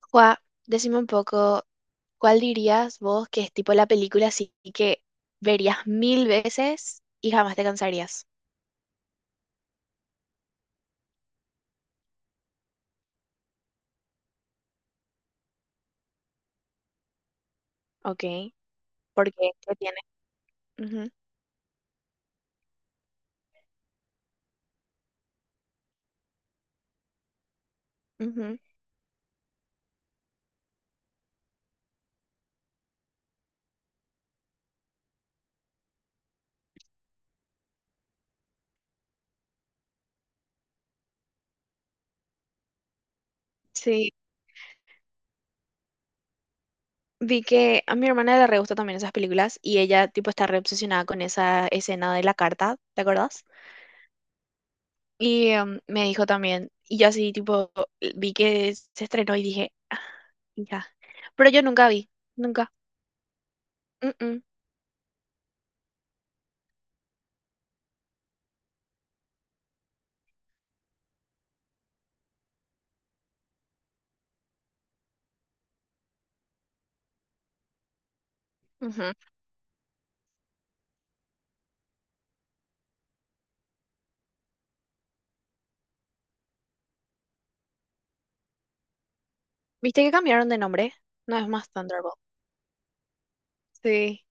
Juá, decime un poco, ¿cuál dirías vos que es tipo la película así que verías mil veces y jamás te cansarías? Ok, ¿por qué? ¿Qué tiene? Ujú, ujú. Sí, vi que a mi hermana le re gusta también esas películas y ella tipo está re obsesionada con esa escena de la carta, ¿te acordás? Y me dijo también, y yo así tipo vi que se estrenó y dije, "Ah, ya, pero yo nunca vi, nunca." Mm, mm, ujú. ¿Viste que cambiaron de nombre? No es más Thunderbolt. Sí,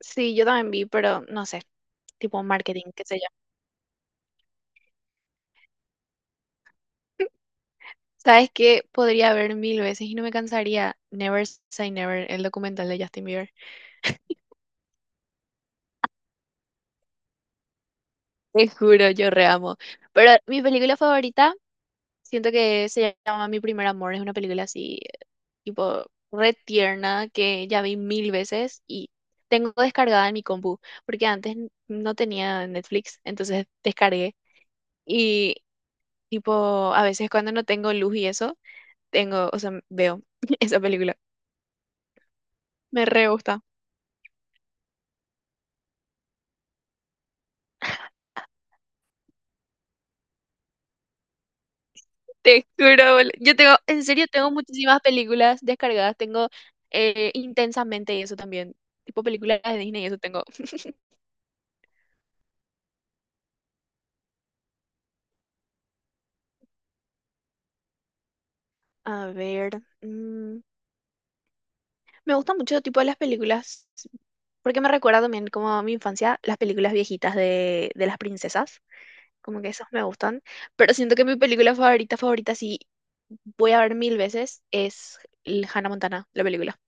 sí, yo también vi, pero no sé, tipo marketing, qué sé yo. ¿Sabes qué? Podría ver mil veces y no me cansaría Never Say Never, el documental de Justin Bieber. Te juro, yo re amo. Pero mi película favorita, siento que se llama Mi Primer Amor, es una película así, tipo, re tierna, que ya vi mil veces y tengo descargada en mi compu, porque antes no tenía Netflix, entonces descargué. Y, tipo, a veces cuando no tengo luz y eso tengo, o sea, veo esa película. Me re gusta. Te juro, yo tengo, en serio, tengo muchísimas películas descargadas. Tengo intensamente y eso también. Tipo películas de Disney y eso tengo. A ver, mm, me gusta mucho tipo de las películas, porque me recuerda también como a mi infancia, las películas viejitas de las princesas. Como que esas me gustan. Pero siento que mi película favorita, favorita, sí, voy a ver mil veces, es el Hannah Montana, la película.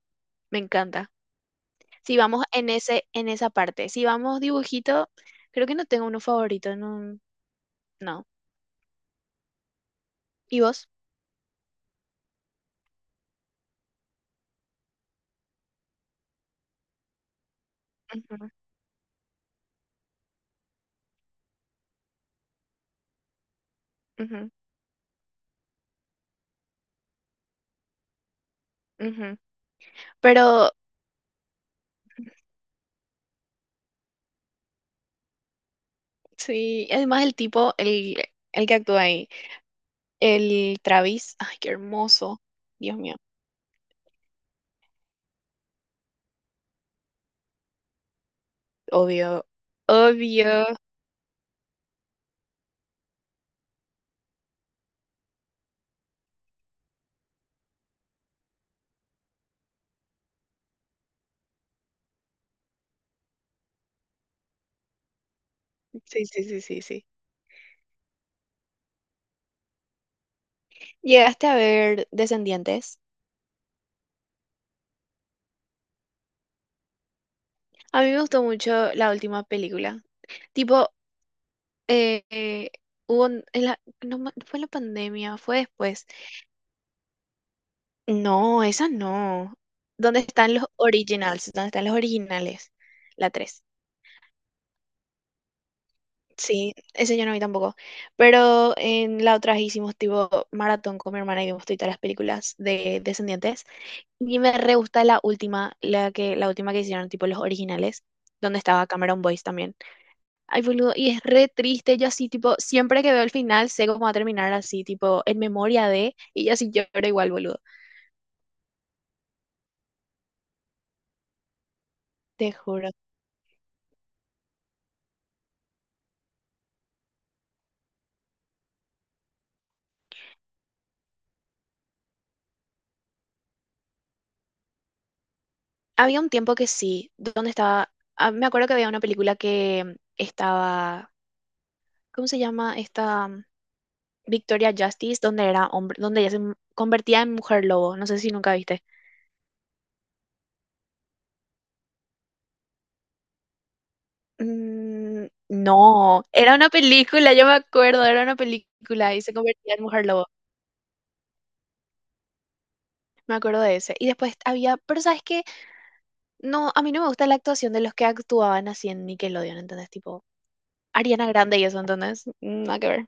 Me encanta. Si vamos en ese, en esa parte. Si vamos dibujito, creo que no tengo uno favorito, no. No. ¿Y vos? Ujú, ujú, ujú. Pero sí, además el tipo, el que actúa ahí, el Travis, ay, qué hermoso. Dios mío. Obvio. Obvio. Sí, sí, sí, sí, sí. ¿Llegaste a ver Descendientes? A mí me gustó mucho la última película. Tipo, eh, eh, hubo, no, fue en la pandemia, fue después. No, esa no. ¿Dónde están los originals? ¿Dónde están los originales? La 3, sí, ese yo no vi tampoco. Pero en la otra hicimos tipo maratón con mi hermana y vimos todas las películas de Descendientes. Y me re gusta la última, la última que hicieron, tipo los originales, donde estaba Cameron Boyce también. Ay, boludo, y es re triste. Yo así, tipo, siempre que veo el final, sé cómo va a terminar así, tipo, en memoria de, y yo así lloro igual, boludo. Te juro. Había un tiempo que sí, donde estaba, ah, me acuerdo que había una película que estaba, ¿cómo se llama? Esta mm, Victoria Justice, donde era hombre, donde ella convertía en mujer lobo, no sé si nunca viste. Mm, no, era una película, yo me acuerdo, era una película y se convertía en mujer lobo. Me acuerdo de ese. Y después había, pero ¿sabes qué? No, a mí no me gusta la actuación de los que actuaban así en Nickelodeon, ¿entendés? Tipo, Ariana Grande y eso, ¿entendés? Nada que ver.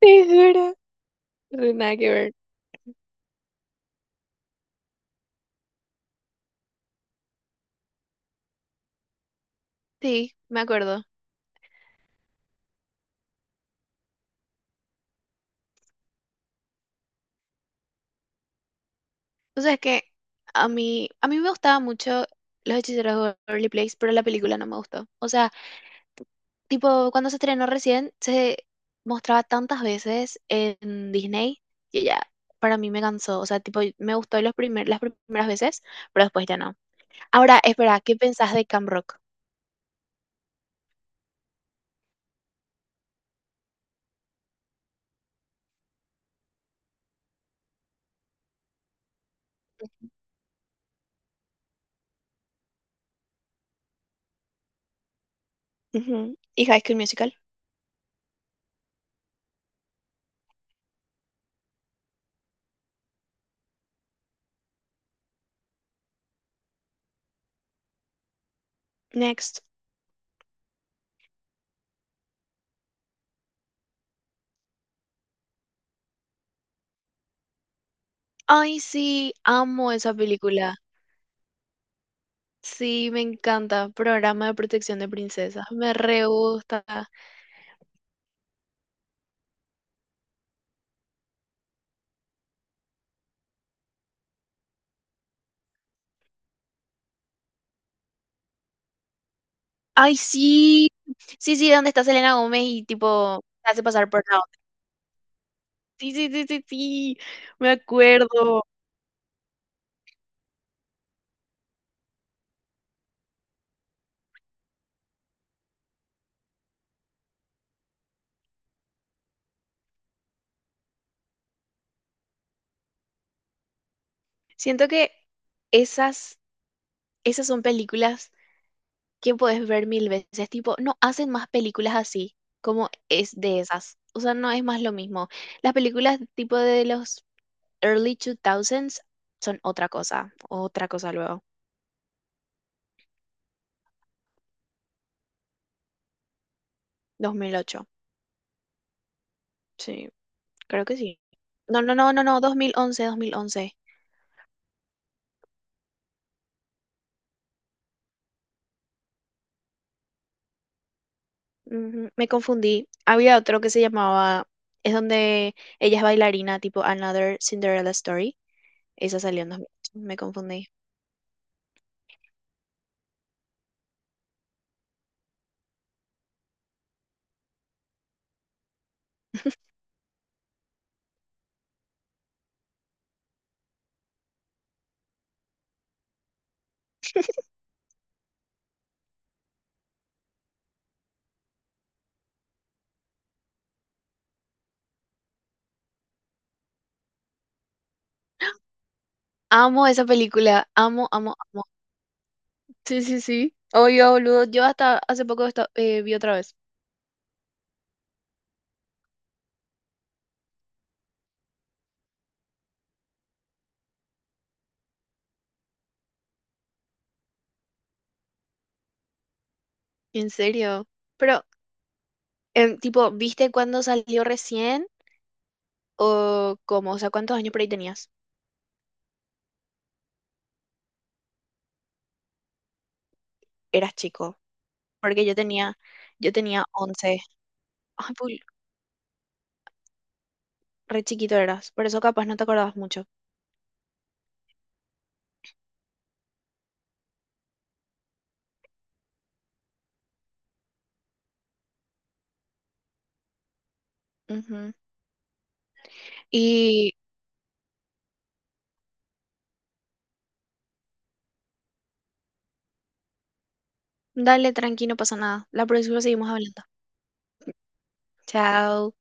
Te juro. Re nada que ver. Sí, me acuerdo. O sea, es que a mí me gustaba mucho Los Hechiceros de Waverly Place, pero la película no me gustó. O sea, tipo, cuando se estrenó recién, se mostraba tantas veces en Disney que ya para mí me cansó. O sea, tipo, me gustó los primer, las primeras veces, pero después ya no. Ahora, espera, ¿qué pensás de Camp Rock? Ujú. Y High School Musical. Next. Ay, sí, amo esa película. Sí, me encanta. Programa de protección de princesas. Me re gusta. Ay, sí, sí, sí, ¿dónde está Selena Gómez y tipo se hace pasar por la otra? Sí, sí, sí, sí, sí, me acuerdo. Siento que esas, esas son películas que puedes ver mil veces, tipo, no hacen más películas así como es de esas. O sea, no es más lo mismo. Las películas tipo de los early 2000s son otra cosa luego. 2008. Sí, creo que sí. No, no, no, no, no, dos mil once dos mil once. Ujú, me confundí. Había otro que se llamaba, es donde ella es bailarina, tipo Another Cinderella Story. Esa salió en 2008. Me confundí. Amo esa película. Amo, amo, amo. Sí, sí, sí. Obvio, boludo. Yo hasta hace poco vi otra vez. En serio. Pero, tipo, ¿viste cuándo salió recién? ¿O cómo? O sea, ¿cuántos años por ahí tenías? Eras chico. Porque yo tenía 11. Ay, re chiquito eras. Por eso capaz no te acordabas mucho. Ujú. Y dale, tranqui, no pasa nada. La próxima seguimos hablando. Chao.